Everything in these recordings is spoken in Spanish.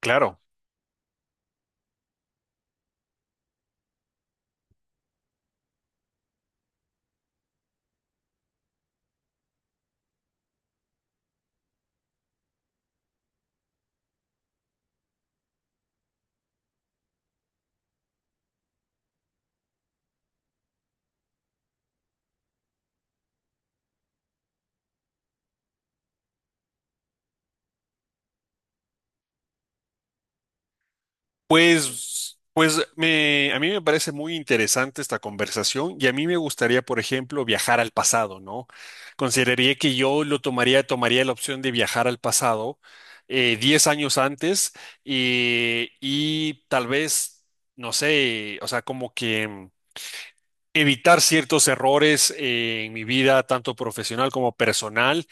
Claro, a mí me parece muy interesante esta conversación y a mí me gustaría, por ejemplo, viajar al pasado, ¿no? Consideraría que yo lo tomaría, tomaría la opción de viajar al pasado 10 años antes y tal vez, no sé, o sea, evitar ciertos errores en mi vida, tanto profesional como personal,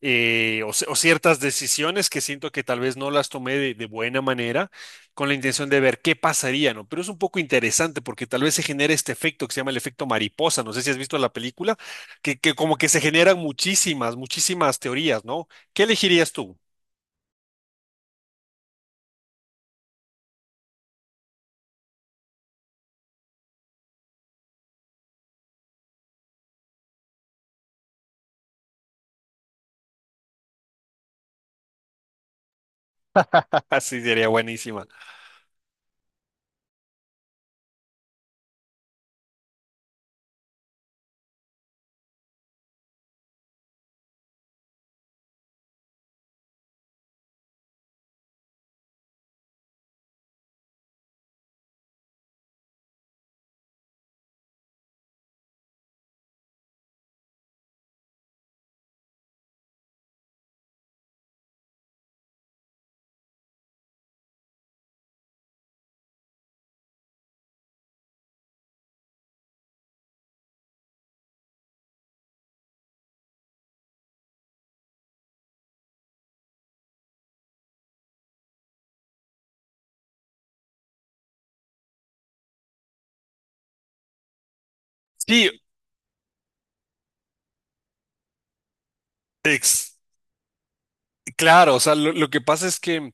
o ciertas decisiones que siento que tal vez no las tomé de buena manera con la intención de ver qué pasaría, ¿no? Pero es un poco interesante porque tal vez se genera este efecto que se llama el efecto mariposa, no sé si has visto la película, que como que se generan muchísimas teorías, ¿no? ¿Qué elegirías tú? Así sería buenísima. Sí, ex- Claro, o sea, lo que pasa es que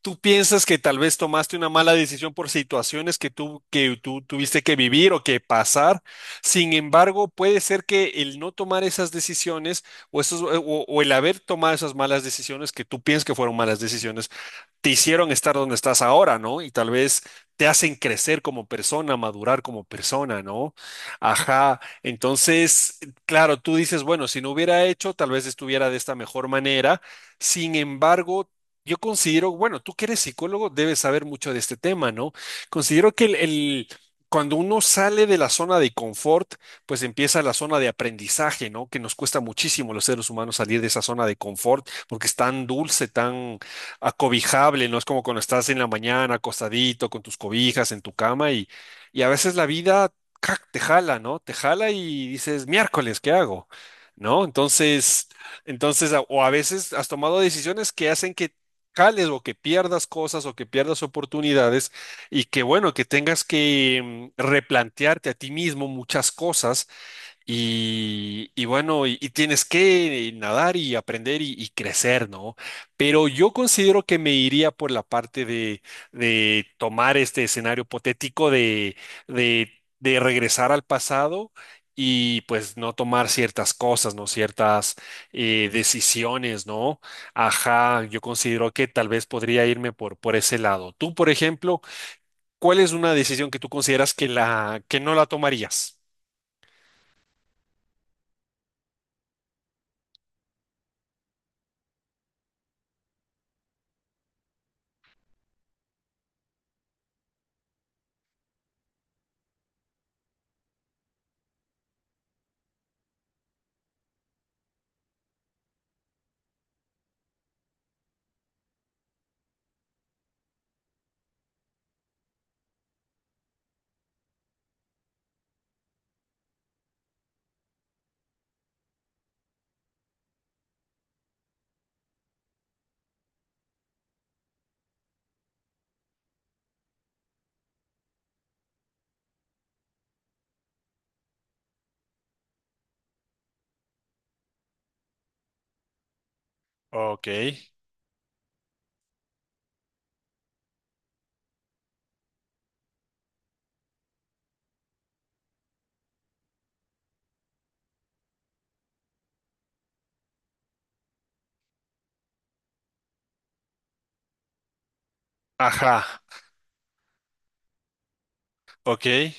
tú piensas que tal vez tomaste una mala decisión por situaciones que tú tuviste que vivir o que pasar. Sin embargo, puede ser que el no tomar esas decisiones o, esos, o, o el haber tomado esas malas decisiones que tú piensas que fueron malas decisiones te hicieron estar donde estás ahora, ¿no? Y tal vez te hacen crecer como persona, madurar como persona, ¿no? Ajá. Entonces, claro, tú dices, bueno, si no hubiera hecho, tal vez estuviera de esta mejor manera. Sin embargo, yo considero, bueno, tú que eres psicólogo, debes saber mucho de este tema, ¿no? Considero que cuando uno sale de la zona de confort, pues empieza la zona de aprendizaje, ¿no? Que nos cuesta muchísimo los seres humanos salir de esa zona de confort porque es tan dulce, tan acobijable, no es como cuando estás en la mañana acostadito con tus cobijas en tu cama y a veces la vida ¡cac! Te jala, ¿no? Te jala y dices, miércoles, ¿qué hago? ¿No? Entonces, o a veces has tomado decisiones que hacen que jales o que pierdas cosas o que pierdas oportunidades y que bueno, que tengas que replantearte a ti mismo muchas cosas y bueno, y tienes que nadar y aprender y crecer, ¿no? Pero yo considero que me iría por la parte de tomar este escenario hipotético de, de regresar al pasado y pues no tomar ciertas cosas, ¿no? Ciertas decisiones, ¿no? Ajá, yo considero que tal vez podría irme por ese lado. Tú, por ejemplo, ¿cuál es una decisión que tú consideras que que no la tomarías? Ok. Ajá. Ok.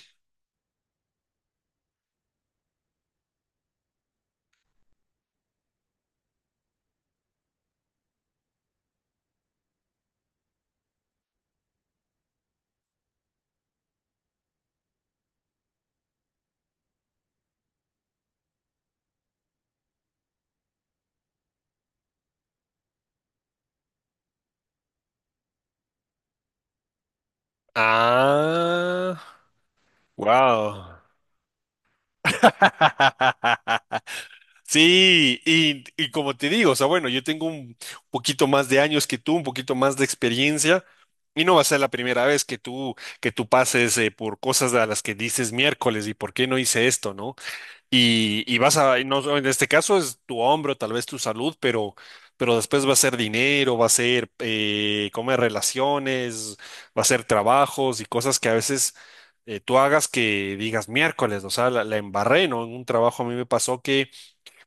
Ah, wow. Sí, y como te digo, o sea, bueno, yo tengo un poquito más de años que tú, un poquito más de experiencia, y no va a ser la primera vez que tú pases por cosas a las que dices miércoles, ¿y por qué no hice esto, no? Y, y no, en este caso es tu hombro, tal vez tu salud, pero después va a ser dinero, va a ser comer relaciones, va a ser trabajos y cosas que a veces tú hagas que digas miércoles, o sea, la embarré, ¿no? En un trabajo a mí me pasó que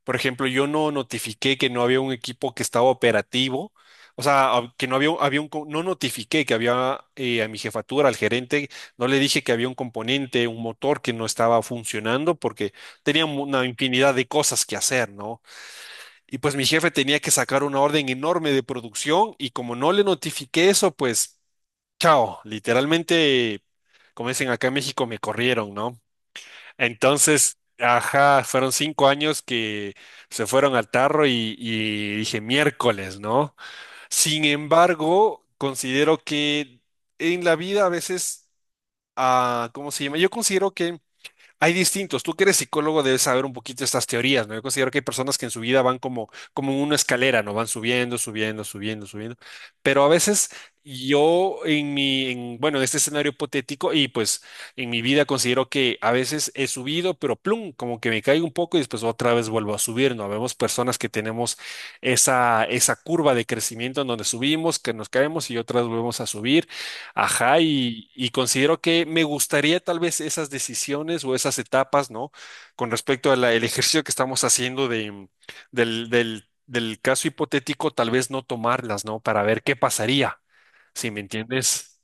por ejemplo, yo no notifiqué que no había un equipo que estaba operativo, o sea, a- que no había, había un, co- no notifiqué que había a mi jefatura, al gerente, no le dije que había un componente, un motor que no estaba funcionando porque tenía una infinidad de cosas que hacer, ¿no? Y pues mi jefe tenía que sacar una orden enorme de producción y como no le notifiqué eso, pues, chao, literalmente, como dicen acá en México, me corrieron, ¿no? Entonces, ajá, fueron 5 años que se fueron al tarro y dije miércoles, ¿no? Sin embargo, considero que en la vida a veces, ah, ¿cómo se llama? Yo considero que hay distintos. Tú que eres psicólogo debes saber un poquito estas teorías, ¿no? Yo considero que hay personas que en su vida van como, como en una escalera, ¿no? Van subiendo. Pero a veces yo en mi, en, bueno, en este escenario hipotético y pues en mi vida considero que a veces he subido, pero plum, como que me caigo un poco y después otra vez vuelvo a subir, ¿no? Vemos personas que tenemos esa curva de crecimiento en donde subimos, que nos caemos y otras volvemos a subir. Ajá, y considero que me gustaría tal vez esas decisiones o esas etapas, ¿no? Con respecto al ejercicio que estamos haciendo de, del caso hipotético, tal vez no tomarlas, ¿no? Para ver qué pasaría, si me entiendes.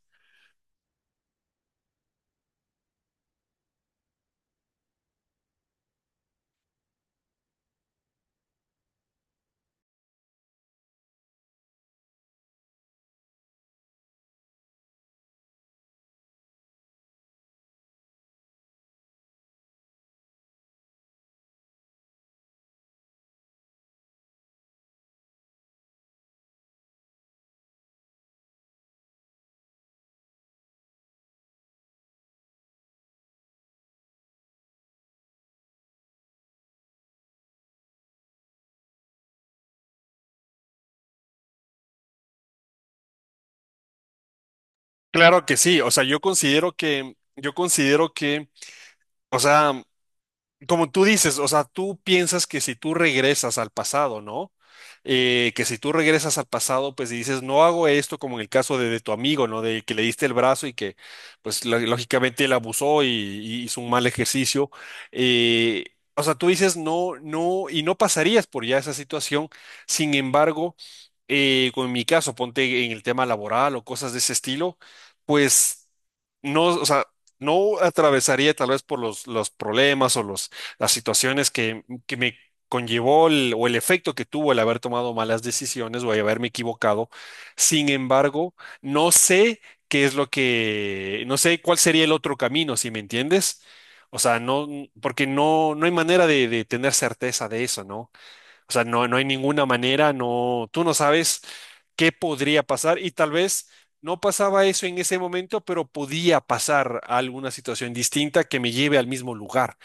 Claro que sí, o sea, yo considero que, o sea, como tú dices, o sea, tú piensas que si tú regresas al pasado, ¿no? Que si tú regresas al pasado, pues y dices, no hago esto como en el caso de tu amigo, ¿no? De que le diste el brazo y que, pues lo- lógicamente él abusó y hizo un mal ejercicio. Eh, o sea, tú dices, no, no, y no pasarías por ya esa situación. Sin embargo, con mi caso, ponte en el tema laboral o cosas de ese estilo, pues no, o sea, no atravesaría tal vez por los problemas o los las situaciones que me conllevó o el efecto que tuvo el haber tomado malas decisiones o el haberme equivocado. Sin embargo, no sé qué es lo que, no sé cuál sería el otro camino, si me entiendes. O sea, no, porque no, no hay manera de tener certeza de eso, ¿no? O sea, no, no hay ninguna manera, no, tú no sabes qué podría pasar y tal vez no pasaba eso en ese momento, pero podía pasar a alguna situación distinta que me lleve al mismo lugar,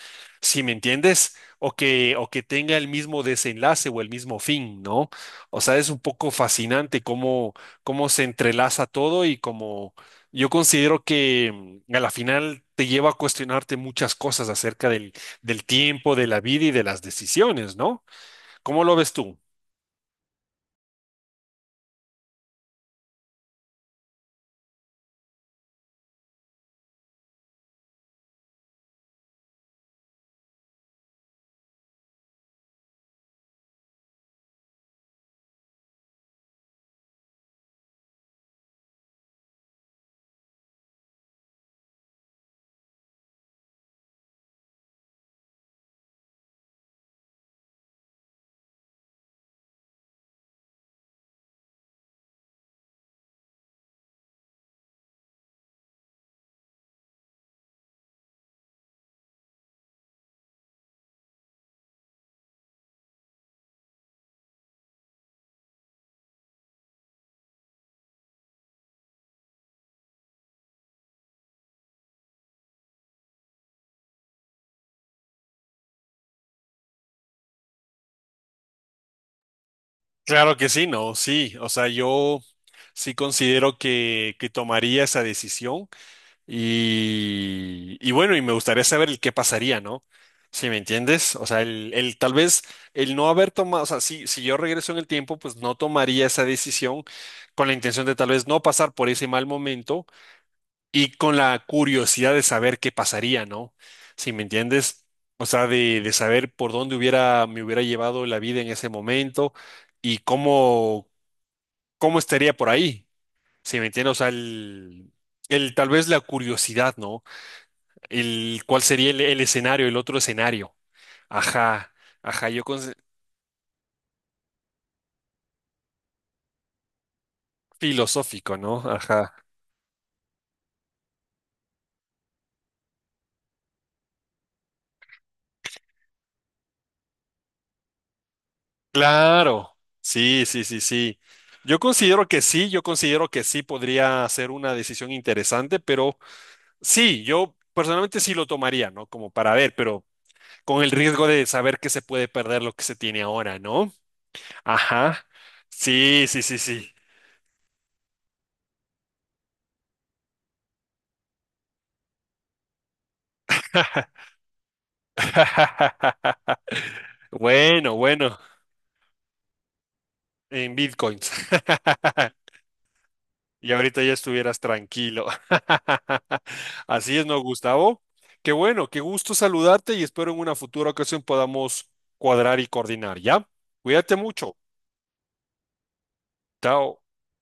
si me entiendes, o que tenga el mismo desenlace o el mismo fin, ¿no? O sea, es un poco fascinante cómo, cómo se entrelaza todo y cómo yo considero que a la final te lleva a cuestionarte muchas cosas acerca del, del tiempo, de la vida y de las decisiones, ¿no? ¿Cómo lo ves tú? Claro que sí, no, sí. O sea, yo sí considero que tomaría esa decisión y bueno, y me gustaría saber el qué pasaría, ¿no? Si me entiendes. O sea, el tal vez el no haber tomado, o sea, si yo regreso en el tiempo, pues no tomaría esa decisión con la intención de tal vez no pasar por ese mal momento y con la curiosidad de saber qué pasaría, ¿no? Si me entiendes, o sea, de saber por dónde hubiera, me hubiera llevado la vida en ese momento y cómo, cómo estaría por ahí, si me entiendes, o sea, tal vez la curiosidad, ¿no? El cuál sería el escenario, el otro escenario. Ajá, ajá, yo con, filosófico, ¿no? Ajá. Claro, sí, sí, sí, sí. Yo considero que sí, yo considero que sí podría ser una decisión interesante, pero sí, yo personalmente sí lo tomaría, ¿no? Como para ver, pero con el riesgo de saber que se puede perder lo que se tiene ahora, ¿no? Ajá. Sí, sí, sí, sí. Bueno, bueno, en bitcoins. Y ahorita ya estuvieras tranquilo. Así es, ¿no, Gustavo? Qué bueno, qué gusto saludarte y espero en una futura ocasión podamos cuadrar y coordinar, ¿ya? Cuídate mucho. Chao.